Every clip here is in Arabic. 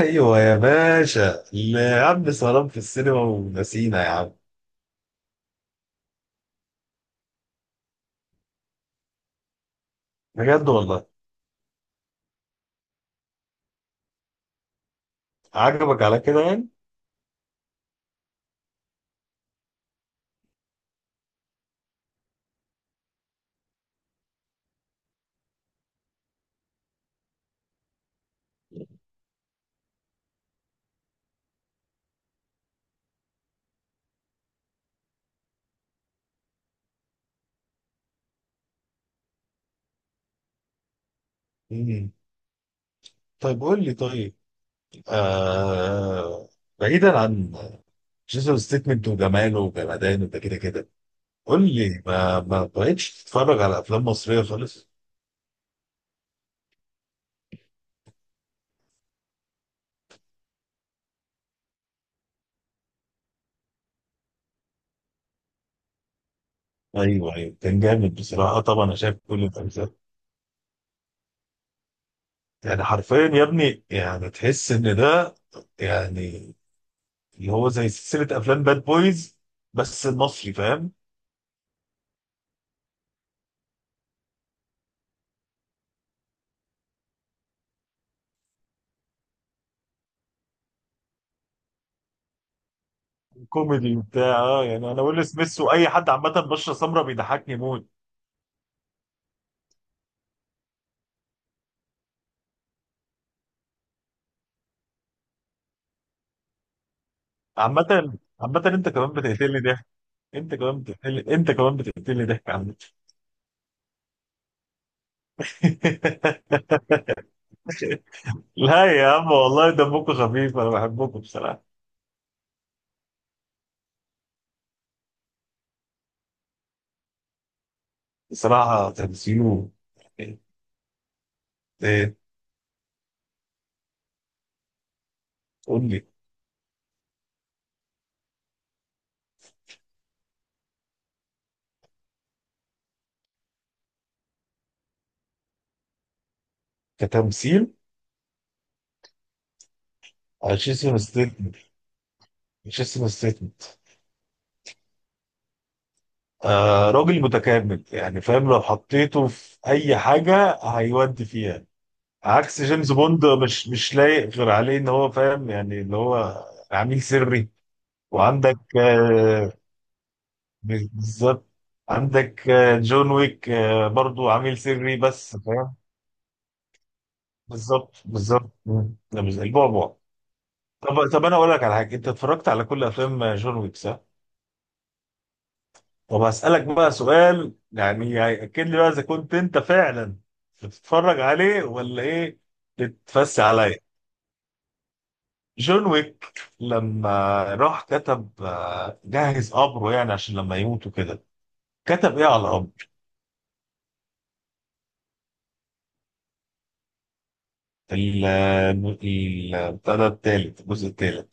ايوه يا باشا، اللي يا عم سلام في السينما ونسينا يا عم. بجد والله. عجبك على كده يعني. مم. طيب، قول لي. طيب، آه... بعيدا عن جيسون ستيتمنت وجماله وجمدانه ده كده كده، قول لي ما بقتش تتفرج على افلام مصريه خالص؟ ايوه ايوه، كان جامد بصراحه. طبعا انا شايف كل الاجزاء. يعني حرفيا يا ابني يعني تحس ان ده يعني اللي هو زي سلسله افلام باد بويز، بس المصري، فاهم. كوميدي وبتاع، يعني انا ويل سميث واي حد عامه بشره سمراء بيضحكني موت. عامه عامه انت كمان بتقتلني ضحك. انت كمان بتقتلني ضحك عامه. لا يا عم، والله دمكم خفيف، انا بحبكم بصراحه. بصراحه تمثيله. إيه، إيه، قول لي. كتمثيل، جيسون ستيتمنت. جيسون ستيتمنت. آه، راجل متكامل يعني، فاهم؟ لو حطيته في اي حاجه هيودي فيها. عكس جيمس بوند، مش مش لايق غير عليه ان هو، فاهم، يعني اللي هو عميل سري. وعندك بالظبط. عندك جون ويك، برضو عميل سري، بس فاهم. بالظبط بالظبط. مم. ده مش زي البعبع. طب انا اقول لك على حاجه، انت اتفرجت على كل افلام جون ويك، صح؟ طب هسالك بقى سؤال، يعني هياكد لي بقى اذا كنت انت فعلا بتتفرج عليه ولا ايه. بتفسي عليا. جون ويك لما راح كتب، جهز قبره يعني عشان لما يموت وكده، كتب ايه على القبر؟ ال بتاع ده التالت، الجزء التالت.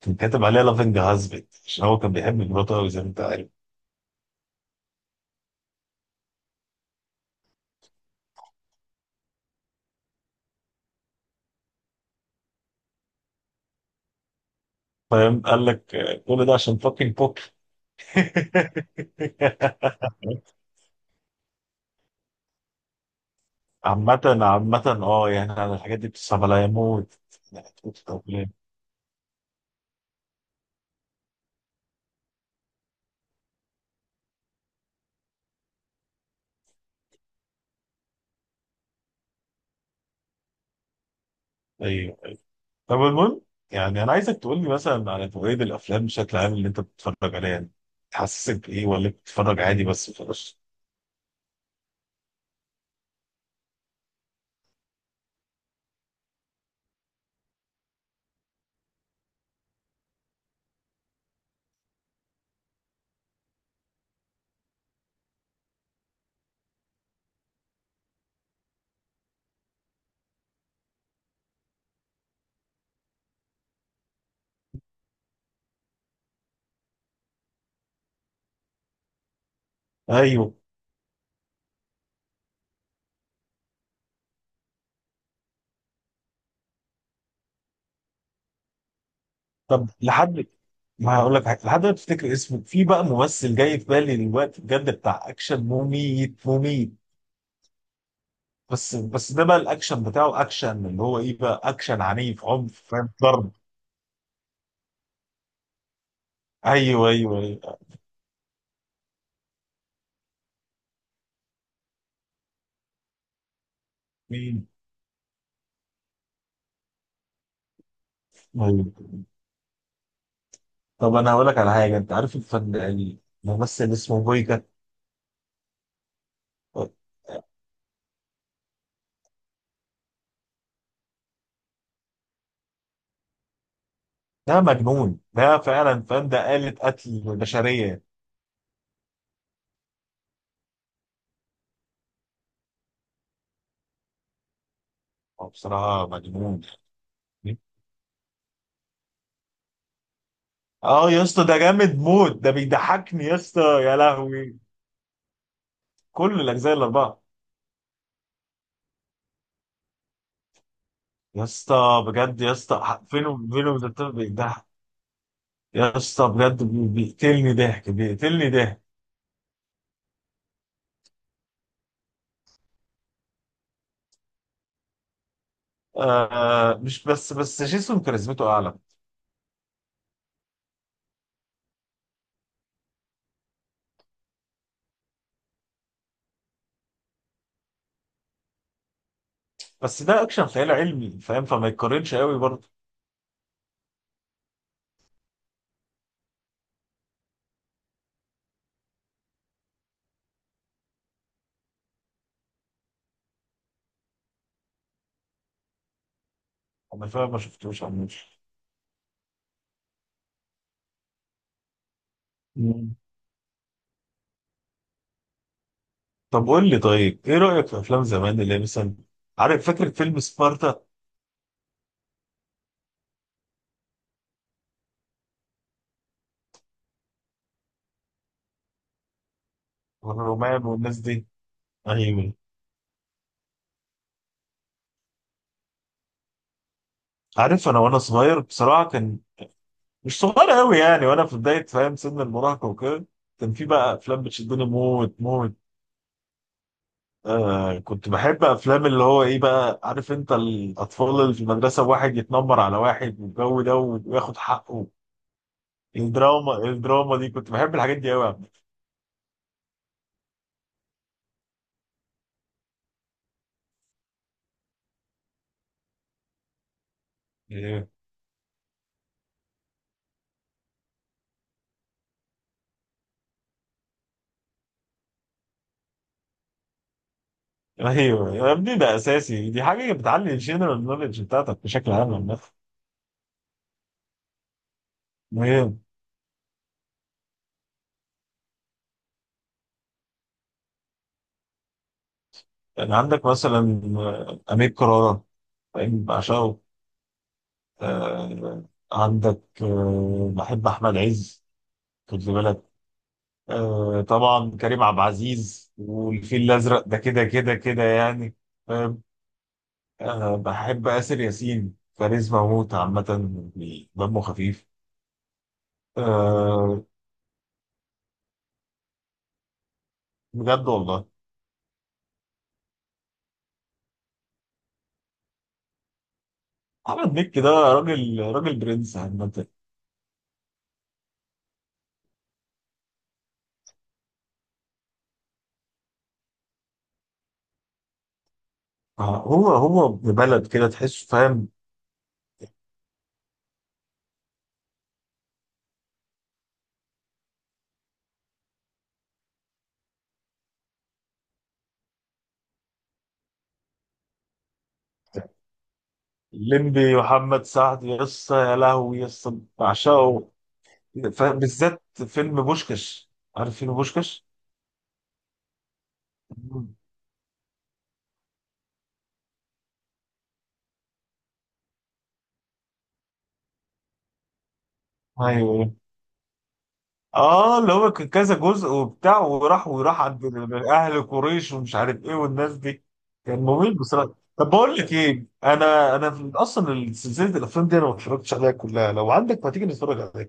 كان كاتب عليها لافينج هازبت، عشان هو كان بيحب مراته قوي زي ما انت عارف. فاهم؟ قال لك كل ده عشان فاكينج بوك. عامة عامة اه يعني انا الحاجات دي بتصعب عليا موت. يعني بتموت في الأفلام. طب المهم، يعني انا عايزك تقول لي مثلا على تقييد الافلام بشكل عام اللي انت بتتفرج عليها يعني، تحسسك بايه ولا بتتفرج عادي بس خلاص؟ ايوه. طب لحد ما هقول لك حاجه، لحد ما تفتكر اسمه، في بقى ممثل جاي في بالي دلوقتي بجد، بتاع اكشن، مميت مميت. بس ده بقى الاكشن بتاعه، اكشن اللي هو ايه بقى، اكشن عنيف، عنف، فاهم، ضرب. ايوه ايوه ايوه. مين؟ أيوة. طب انا هقول لك على حاجه، انت عارف الفن، الممثل اسمه بويكا؟ ده مجنون ده، فعلا، فاهم، ده آلة قتل بشرية. هو بصراحة مجنون. اه يا اسطى، ده جامد موت، ده بيضحكني يا اسطى، يا لهوي. كل الأجزاء الأربعة. يا اسطى بجد، يا اسطى، فينو ده بيضحك. يا اسطى بجد، بيقتلني ضحك، بيقتلني ضحك. آه، مش بس جيسون كاريزمته أعلى. بس ده أكشن خيال علمي، فاهم، فما يتقارنش قوي برضه. أنا فاهم، ما شفتوش عموش. طب قول لي، طيب ايه رأيك في افلام زمان اللي هي مثلا، عارف، فاكر فيلم سبارتا؟ والرومان والناس دي. ايوه. عارف، انا وانا صغير بصراحة، كان مش صغير قوي يعني، وانا في بداية، فاهم، سن المراهقة وكده، كان في بقى افلام بتشدني موت موت. آه، كنت بحب افلام اللي هو ايه بقى، عارف انت، الاطفال اللي في المدرسة، واحد يتنمر على واحد والجو ده وياخد حقه، الدراما، دي كنت بحب الحاجات دي قوي. ايوه يا ابني، ده اساسي، دي حاجه بتعلي الجنرال نوليدج بتاعتك بشكل عام عامه. مهم. يعني عندك مثلا امير كرارة، فاهم؟ بعشقه. آه، عندك بحب احمد عز، خد لي بالك. طبعا كريم عبد العزيز والفيل الازرق، ده كده كده كده يعني، فاهم؟ بحب اسر ياسين، كاريزما موت عامه، يعني دمه خفيف. آه، بجد والله. احمد مكي ده راجل راجل، برنس عامه. هو ابن بلد كده، تحسه، فاهم. الليمبي، محمد سعد، يسا يا لهوي يسا، بعشقه. فاهم؟ بالذات فيلم بوشكش، عارف فيلم بوشكش؟ مم. ايوه. اه، اللي هو كان كذا جزء وبتاع، وراح وراح عند اهل قريش ومش عارف ايه والناس دي. كان ممل بصراحه. طب بقول لك ايه، انا انا اصلا سلسله الافلام دي انا ما اتفرجتش عليها كلها، لو عندك ما تيجي نتفرج عليها.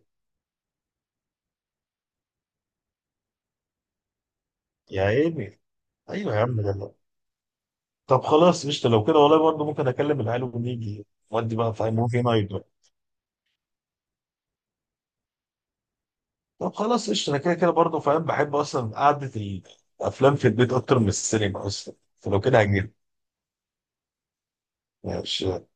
يا عيني. ايوه يا عم، يلا. طب خلاص، قشطة، لو كده والله برضه ممكن أكلم العيال ونيجي، ودي بقى فاهم موفي نايت بقى. طب خلاص قشطة، أنا كده كده برضه فاهم بحب أصلا قعدة الأفلام في البيت أكتر من السينما أصلا، فلو كده هجيلك. ماشي.